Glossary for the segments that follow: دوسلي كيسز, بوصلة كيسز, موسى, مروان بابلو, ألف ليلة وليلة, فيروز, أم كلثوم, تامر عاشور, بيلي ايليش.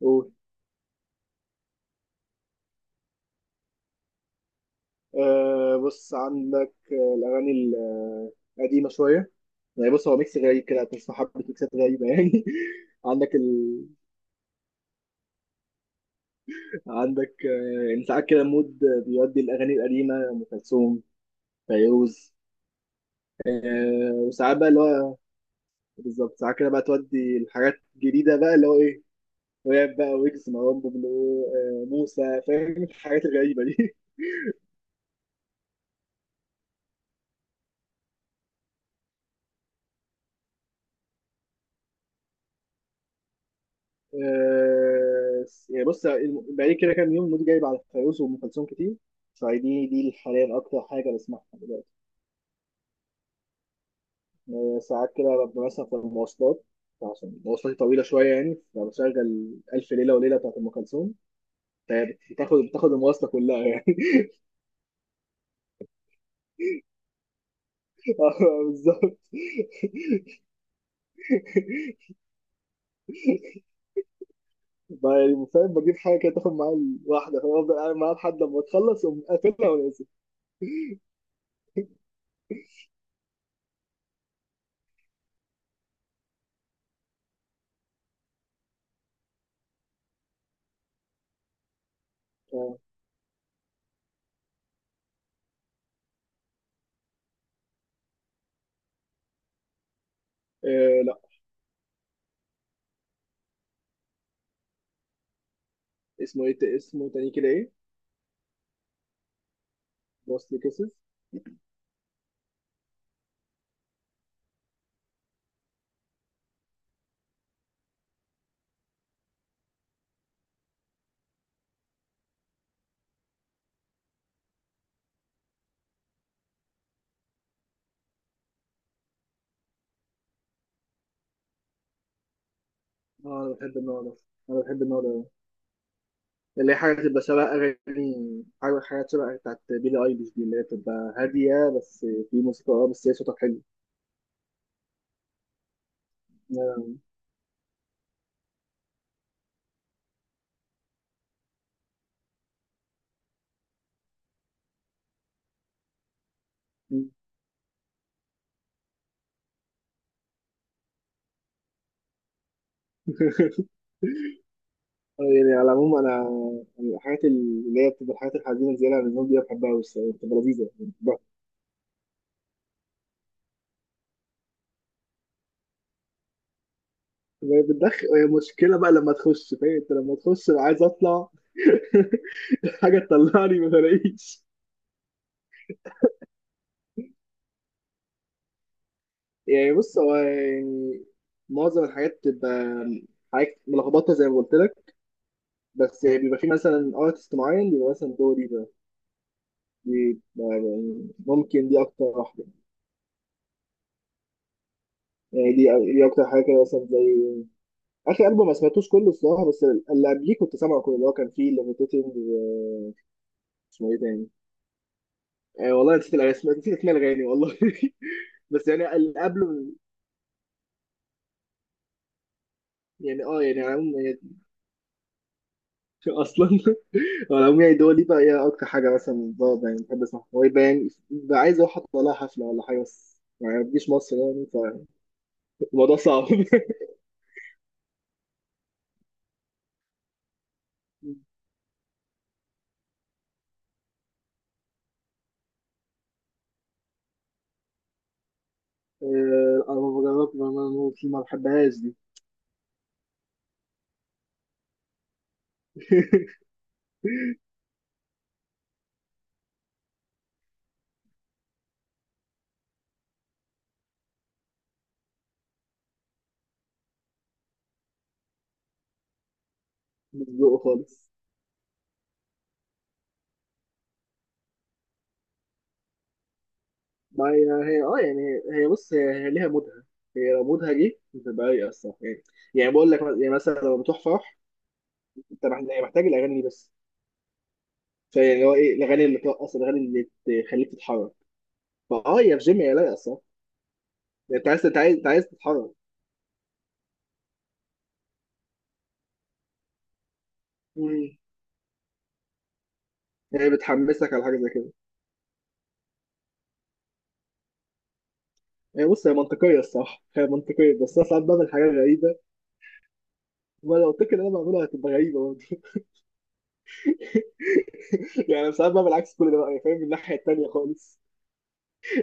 قول. بص عندك الأغاني القديمة شوية. يعني بص هو ميكس غريب كده، هتسمع حبة ميكسات غريبة يعني عندك ال... عندك، يعني ساعات كده مود بيودي الأغاني القديمة، أم كلثوم، فيروز. وساعات بقى اللي هو بالظبط، ساعات كده بقى تودي الحاجات الجديدة بقى اللي هو إيه، راب بقى، ويجز، مروان بابلو، موسى، فاهم الحاجات الغريبة دي يعني بص بقالي كده كام يوم مودي جايب على فيروز وأم كلثوم كتير، فدي دي حاليا أكتر حاجة بسمعها دلوقتي. ساعات كده ببقى مثلا في المواصلات، عشان مواصلاتي طويلة شوية يعني، فبشغل ألف ليلة وليلة بتاعت أم كلثوم، فهي بتاخد المواصلة كلها يعني. بالظبط. بقى يعني فاهم، بجيب حاجة كده تاخد معايا الواحدة، فأفضل قاعد معاها لحد ما تخلص وأقوم قافلها ونازل. آه، لا. اسمه إيه، اسمه تاني كده إيه؟ بوصلة كيسز. اه انا بحب النوع ده، انا بحب النوع ده، اللي هي حاجه تبقى شبه اغاني، حاجه حاجات شبه بتاعت بيلي ايليش دي، اللي هي بتبقى هاديه، بس في موسيقى، اه بس هي صوتها حلو. آه، يعني على العموم انا، يعني الحاجات اللي هي بتبقى الحاجات الحزينه زياده عن اللزوم دي، بحبها قوي الصراحه، بتبقى لذيذه يعني، بحبها. وهي بتدخل، هي مشكله بقى لما تخش، فاهم؟ انت لما تخش أنا عايز اطلع. حاجه تطلعني ما بلاقيش. يعني بص هو يعني معظم الحاجات بتبقى حاجات ملخبطه زي ما قلت لك، بس يعني بيبقى في مثلا ارتست معين، بيبقى مثلا دوري ده، دي بقى يعني ممكن دي اكتر واحده. يعني دي، دي اكتر حاجه كده مثلا، زي اخر البوم ما سمعتوش كله الصراحه، بس اللي قبليه كنت سامعه كله، اللي هو كان فيه ليفيتيتنج، اسمه ايه تاني، والله نسيت الاسماء، نسيت اسماء الاغاني والله. بس يعني اللي قبله. يعني اه يعني على العموم اصلا. على العموم يعني دول، دي بقى هي اكتر حاجه مثلا بقعد يعني بحب اسمعها، هو يبقى يعني بقى عايز اروح اطلع لها حفله ولا حاجه، بس يعني ما تجيش مصر يعني، فالموضوع صعب. الافوكادو بما فيه ما بحبهاش دي. مش ذوقه خالص. ما هي هي اه يعني هي بص هي، هي ليها مودها، هي لو مودها جه بتبقى رايقه الصراحه يعني. يعني بقول لك، يعني مثلا لما بتروح فرح، انت يعني محتاج الاغاني دي بس. فيعني هو ايه، الاغاني اللي ترقص، الاغاني اللي تخليك تتحرك. فاه، هي في جيم هي لايقه الصراحه. يعني انت عايز تتحرك. مم. هي بتحمسك على حاجه زي كده. هي بص هي منطقيه الصراحه، هي منطقيه، بس انا ساعات بعمل حاجات غريبه، وانا لو قلت لك ان انا بعملها هتبقى غريبه برضه. يعني ساعات بقى بالعكس كل ده، بقى يعني فاهم، من الناحيه التانيه خالص.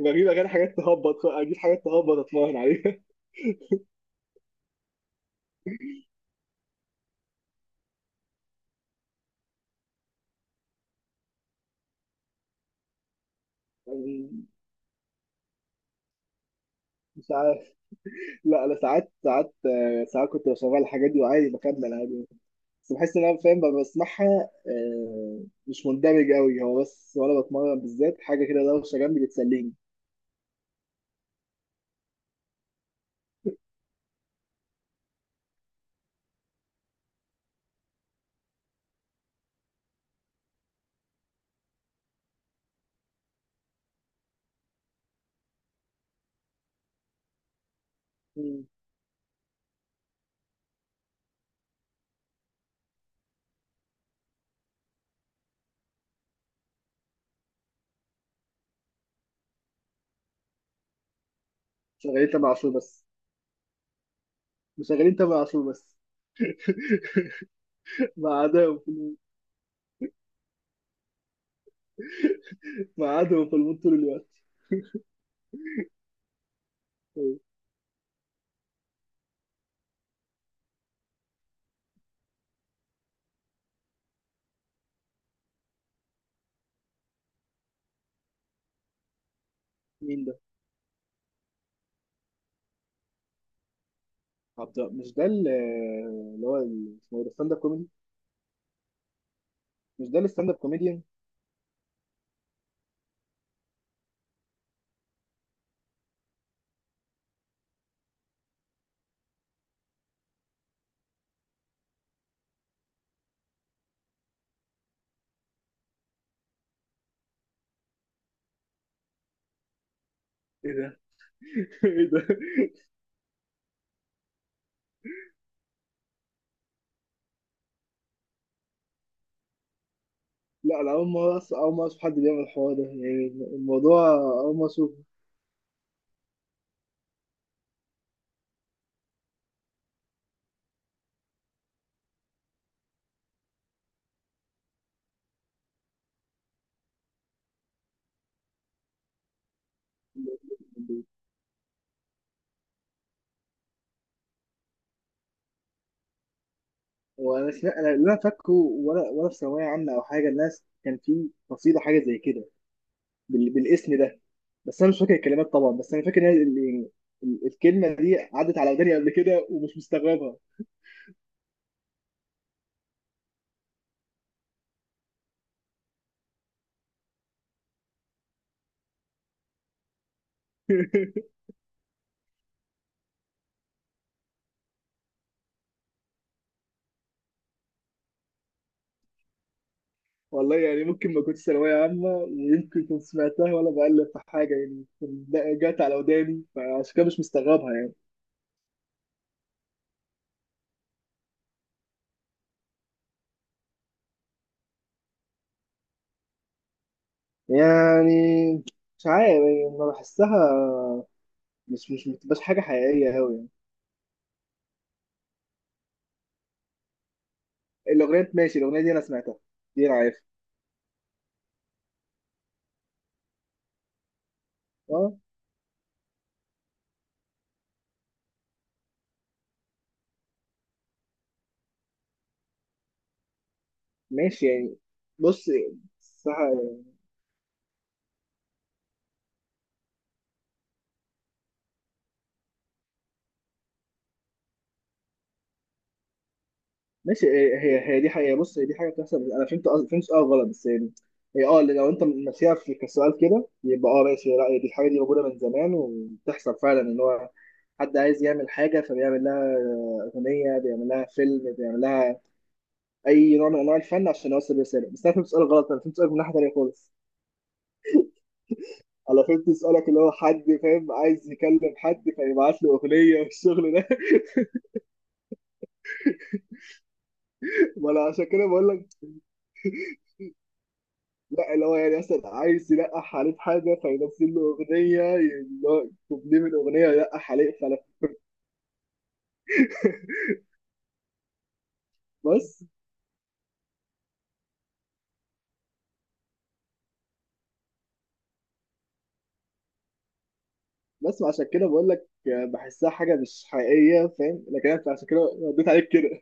بجيب اغاني حاجات تهبط، اجيب حاجات تهبط اتمرن عليها. يعني مش عارف. لا انا ساعات، ساعات ساعات كنت بشغل الحاجات دي وعادي بكمل عادي يعني. بس بحس ان انا فاهم، ببقى بسمعها مش مندمج قوي، هو بس وانا بتمرن بالذات حاجه كده دوشه جنبي بتسليني. مم. شغالين تامر عاشور بس، مشغلين تامر عاشور بس. مع عدوهم في مع عدوهم في المود طول الوقت. مين ده؟ عبد، مش ده اللي هو اسمه ايه ده، ستاند اب كوميدي؟ مش ده الستاند اب كوميديان؟ ايه ده! ايه ده! لا انا اول ما اول ما اشوف حد بيعمل الحوار ده يعني، الموضوع، اول ما اشوف. وانا سمعت، انا اللي انا فاكره، وانا وانا في ثانويه عامه او حاجه، الناس كان في قصيده حاجه زي كده، بال... بالاسم ده، بس انا مش فاكر الكلمات طبعا، بس انا فاكر ان هي الكلمه دي عدت على وداني قبل كده ومش مستغربها. والله يعني ممكن ما كنتش ثانوية عامة، ويمكن كنت سمعتها وأنا بقلب في حاجة يعني جت على وداني، فعشان كده مش مستغربها يعني. يعني مش عارف يعني، ما بحسها، مش بتبقاش حاجة حقيقية أوي يعني. الأغنية ماشي، الأغنية دي أنا سمعتها، دي أنا عارفها. أه ماشي يعني. بص صح، ماشي. هي دي حقيقة. بص هي دي حاجة بتحصل، بس أنا فهمت فهمت سؤال غلط بس يعني. هي اه اللي لو أنت ماشيها في كسؤال كده، يبقى اه ماشي. لا هي دي الحاجة دي موجودة من زمان، وبتحصل فعلا إن هو حد عايز يعمل حاجة، فبيعمل لها أغنية، بيعمل لها فيلم، بيعمل لها أي نوع من أنواع الفن عشان يوصل رسالة. بس أنا فهمت سؤال غلط، أنا فهمت سؤال من ناحية تانية خالص. أنا فهمت سؤالك اللي هو حد فاهم عايز يكلم حد فيبعت له أغنية والشغل ده. وأنا عشان كده بقول لك لا، اللي هو يعني مثلا عايز يلقح عليه بحاجة، فينزل له أغنية اللي هو كوبليه من أغنية يلقح عليه، فأنا بس. بس عشان كده بقول لك بحسها حاجة مش حقيقية، فاهم؟ لكن أنت عشان كده رديت عليك كده.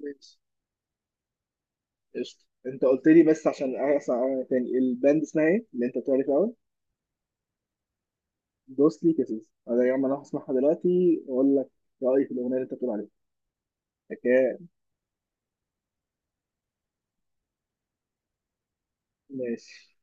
ماشي. قشطة. أنت قلت لي بس عشان أسمع تاني، الباند اسمها إيه اللي أنت بتقول عليه في الأول؟ دوسلي كيسز. أنا يا عم أنا هسمعها دلوقتي وأقول لك رأيي في الأغنية اللي أنت بتقول عليها. أوكي ماشي.